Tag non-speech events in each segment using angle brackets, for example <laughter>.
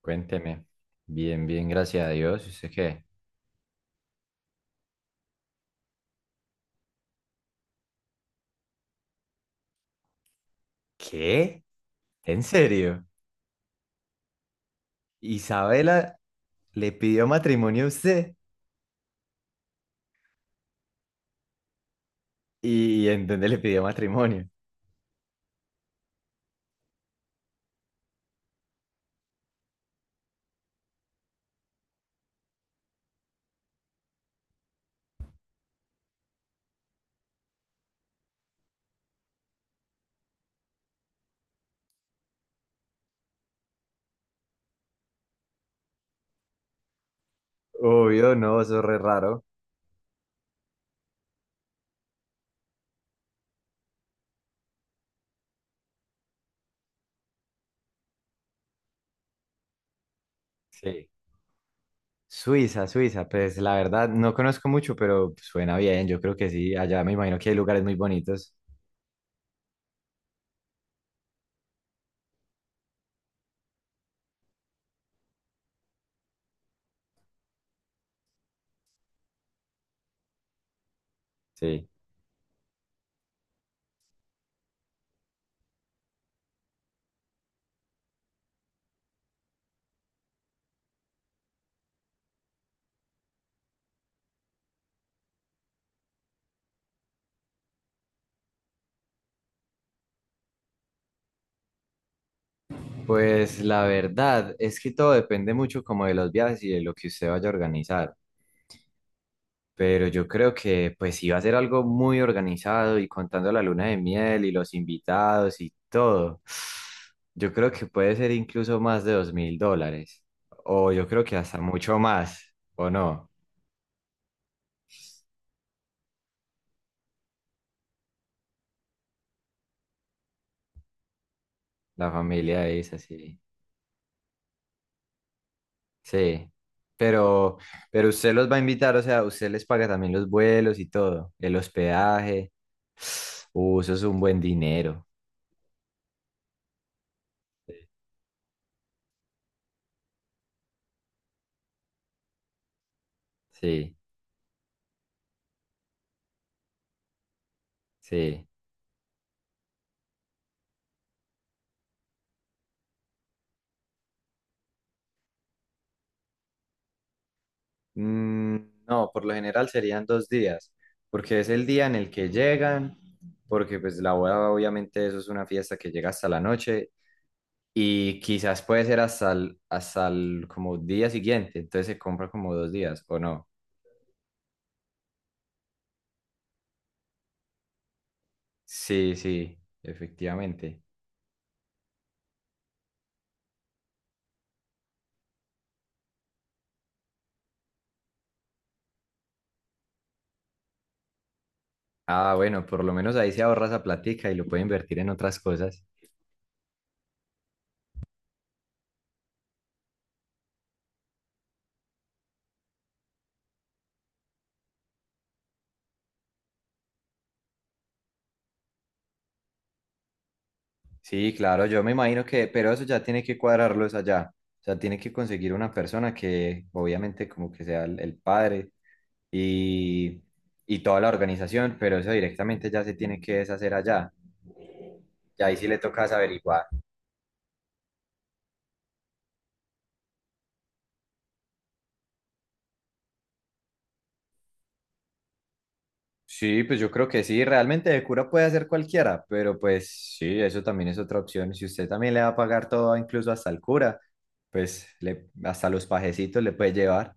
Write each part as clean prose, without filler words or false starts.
Cuénteme. Bien, bien, gracias a Dios. ¿Y usted qué? ¿Qué? ¿En serio? ¿Isabela le pidió matrimonio a usted? ¿Y en dónde le pidió matrimonio? Obvio, no, eso es re raro. Sí. Suiza, Suiza, pues la verdad no conozco mucho, pero suena bien, yo creo que sí, allá me imagino que hay lugares muy bonitos. Sí. Pues la verdad es que todo depende mucho como de los viajes y de lo que usted vaya a organizar. Pero yo creo que pues iba a ser algo muy organizado y contando la luna de miel y los invitados y todo. Yo creo que puede ser incluso más de $2.000. O yo creo que hasta mucho más. ¿O no? La familia es así. Sí. Pero, pero usted los va a invitar, o sea, usted les paga también los vuelos y todo. El hospedaje. <sighs> Eso es un buen dinero. Sí, sí. Mm, no, por lo general serían dos días, porque es el día en el que llegan, porque pues la boda obviamente eso es una fiesta que llega hasta la noche y quizás puede ser hasta hasta el como día siguiente, entonces se compra como dos días, ¿o no? Sí, sí, efectivamente. Ah, bueno, por lo menos ahí se ahorra esa platica y lo puede invertir en otras cosas. Sí, claro, yo me imagino que, pero eso ya tiene que cuadrarlo es allá. O sea, tiene que conseguir una persona que obviamente como que sea el padre y, y toda la organización, pero eso directamente ya se tiene que deshacer allá. Y ahí sí le tocas averiguar. Sí, pues yo creo que sí, realmente de cura puede hacer cualquiera, pero pues sí, eso también es otra opción. Si usted también le va a pagar todo, incluso hasta el cura, pues le, hasta los pajecitos le puede llevar.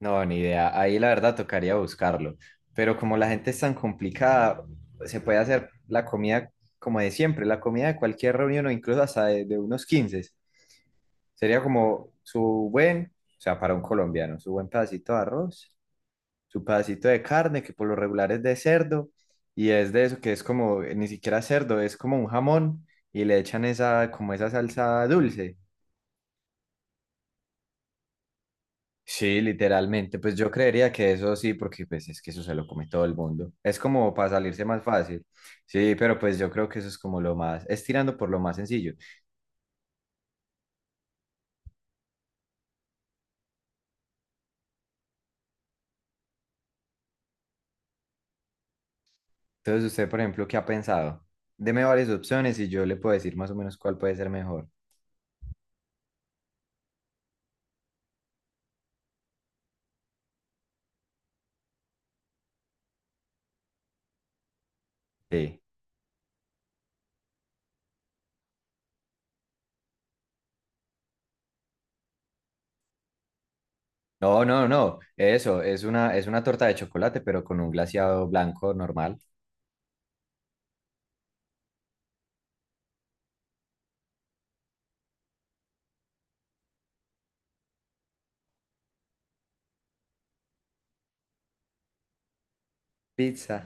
No, ni idea. Ahí la verdad tocaría buscarlo. Pero como la gente es tan complicada, se puede hacer la comida como de siempre, la comida de cualquier reunión o incluso hasta de unos 15. Sería como su buen, o sea, para un colombiano, su buen pedacito de arroz, su pedacito de carne, que por lo regular es de cerdo, y es de eso que es como, ni siquiera cerdo, es como un jamón, y le echan esa, como esa salsa dulce. Sí, literalmente, pues yo creería que eso sí, porque pues es que eso se lo come todo el mundo. Es como para salirse más fácil. Sí, pero pues yo creo que eso es como lo más, es tirando por lo más sencillo. Entonces, usted, por ejemplo, ¿qué ha pensado? Deme varias opciones y yo le puedo decir más o menos cuál puede ser mejor. Sí. No, no, no, eso, es una torta de chocolate, pero con un glaseado blanco normal. Pizza,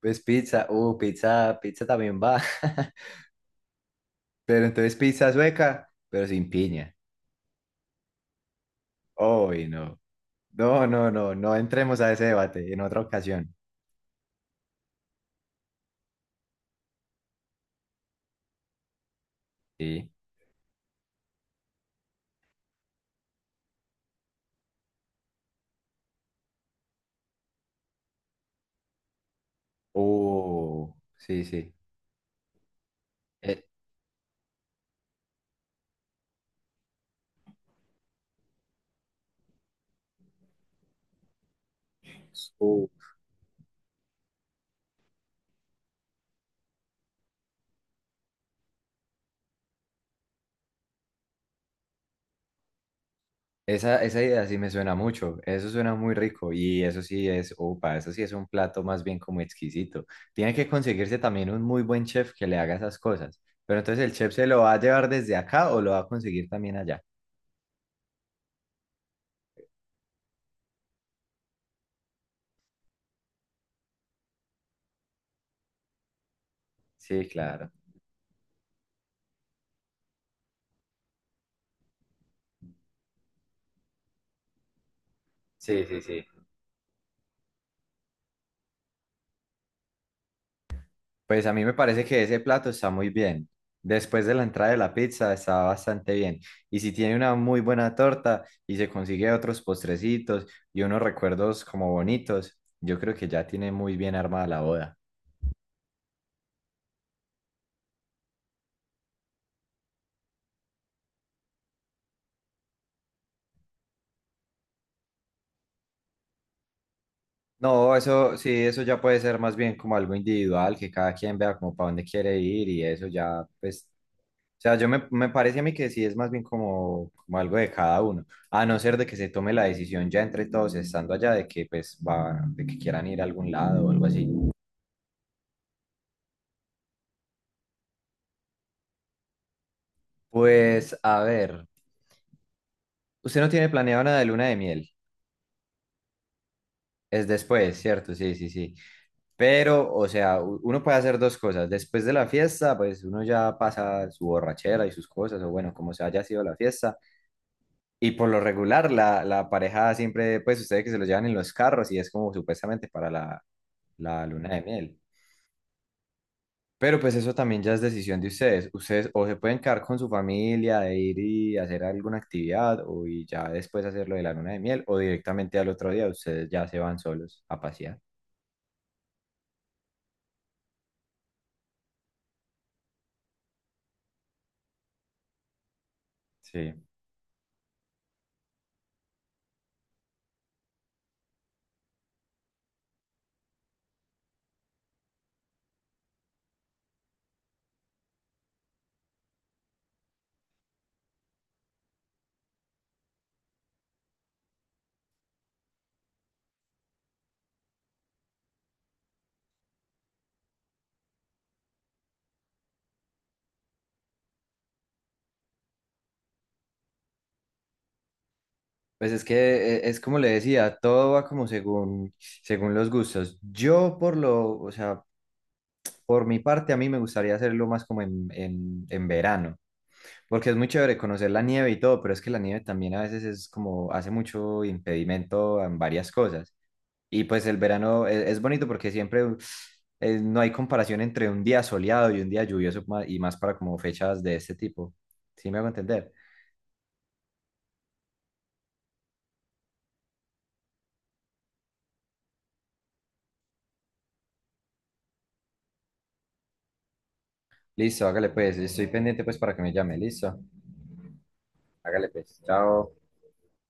pues pizza, pizza, pizza también va, <laughs> pero entonces pizza sueca, pero sin piña. Uy, no, no, no, no, no entremos a ese debate en otra ocasión. Sí. Uh, sí, sí. Eh, esa, esa idea sí me suena mucho, eso suena muy rico y eso sí es, opa, eso sí es un plato más bien como exquisito. Tiene que conseguirse también un muy buen chef que le haga esas cosas, pero entonces el chef se lo va a llevar desde acá o lo va a conseguir también allá. Sí, claro. Sí, sí, sí. Pues a mí me parece que ese plato está muy bien. Después de la entrada de la pizza está bastante bien. Y si tiene una muy buena torta y se consigue otros postrecitos y unos recuerdos como bonitos, yo creo que ya tiene muy bien armada la boda. No, eso sí, eso ya puede ser más bien como algo individual, que cada quien vea como para dónde quiere ir y eso ya, pues, o sea, yo me, me parece a mí que sí es más bien como, como algo de cada uno, a no ser de que se tome la decisión ya entre todos estando allá de que pues va, de que quieran ir a algún lado o algo así. Pues, a ver, usted no tiene planeado nada de luna de miel, es después, ¿cierto? Sí, sí, sí. Pero, o sea, uno puede hacer dos cosas. Después de la fiesta, pues uno ya pasa su borrachera y sus cosas, o bueno, como se haya sido la fiesta. Y por lo regular, la pareja siempre, pues ustedes que se lo llevan en los carros y es como supuestamente para la luna de miel. Pero pues eso también ya es decisión de ustedes. Ustedes o se pueden quedar con su familia de ir y hacer alguna actividad o y ya después hacer lo de la luna de miel o directamente al otro día ustedes ya se van solos a pasear. Sí. Pues es que es como le decía, todo va como según, según los gustos. Yo por lo, o sea, por mi parte a mí me gustaría hacerlo más como en verano, porque es muy chévere conocer la nieve y todo, pero es que la nieve también a veces es como, hace mucho impedimento en varias cosas. Y pues el verano es bonito porque siempre no hay comparación entre un día soleado y un día lluvioso y más para como fechas de este tipo. ¿Sí me hago entender? Listo, hágale pues, estoy pendiente pues para que me llame, listo. Hágale pues, chao.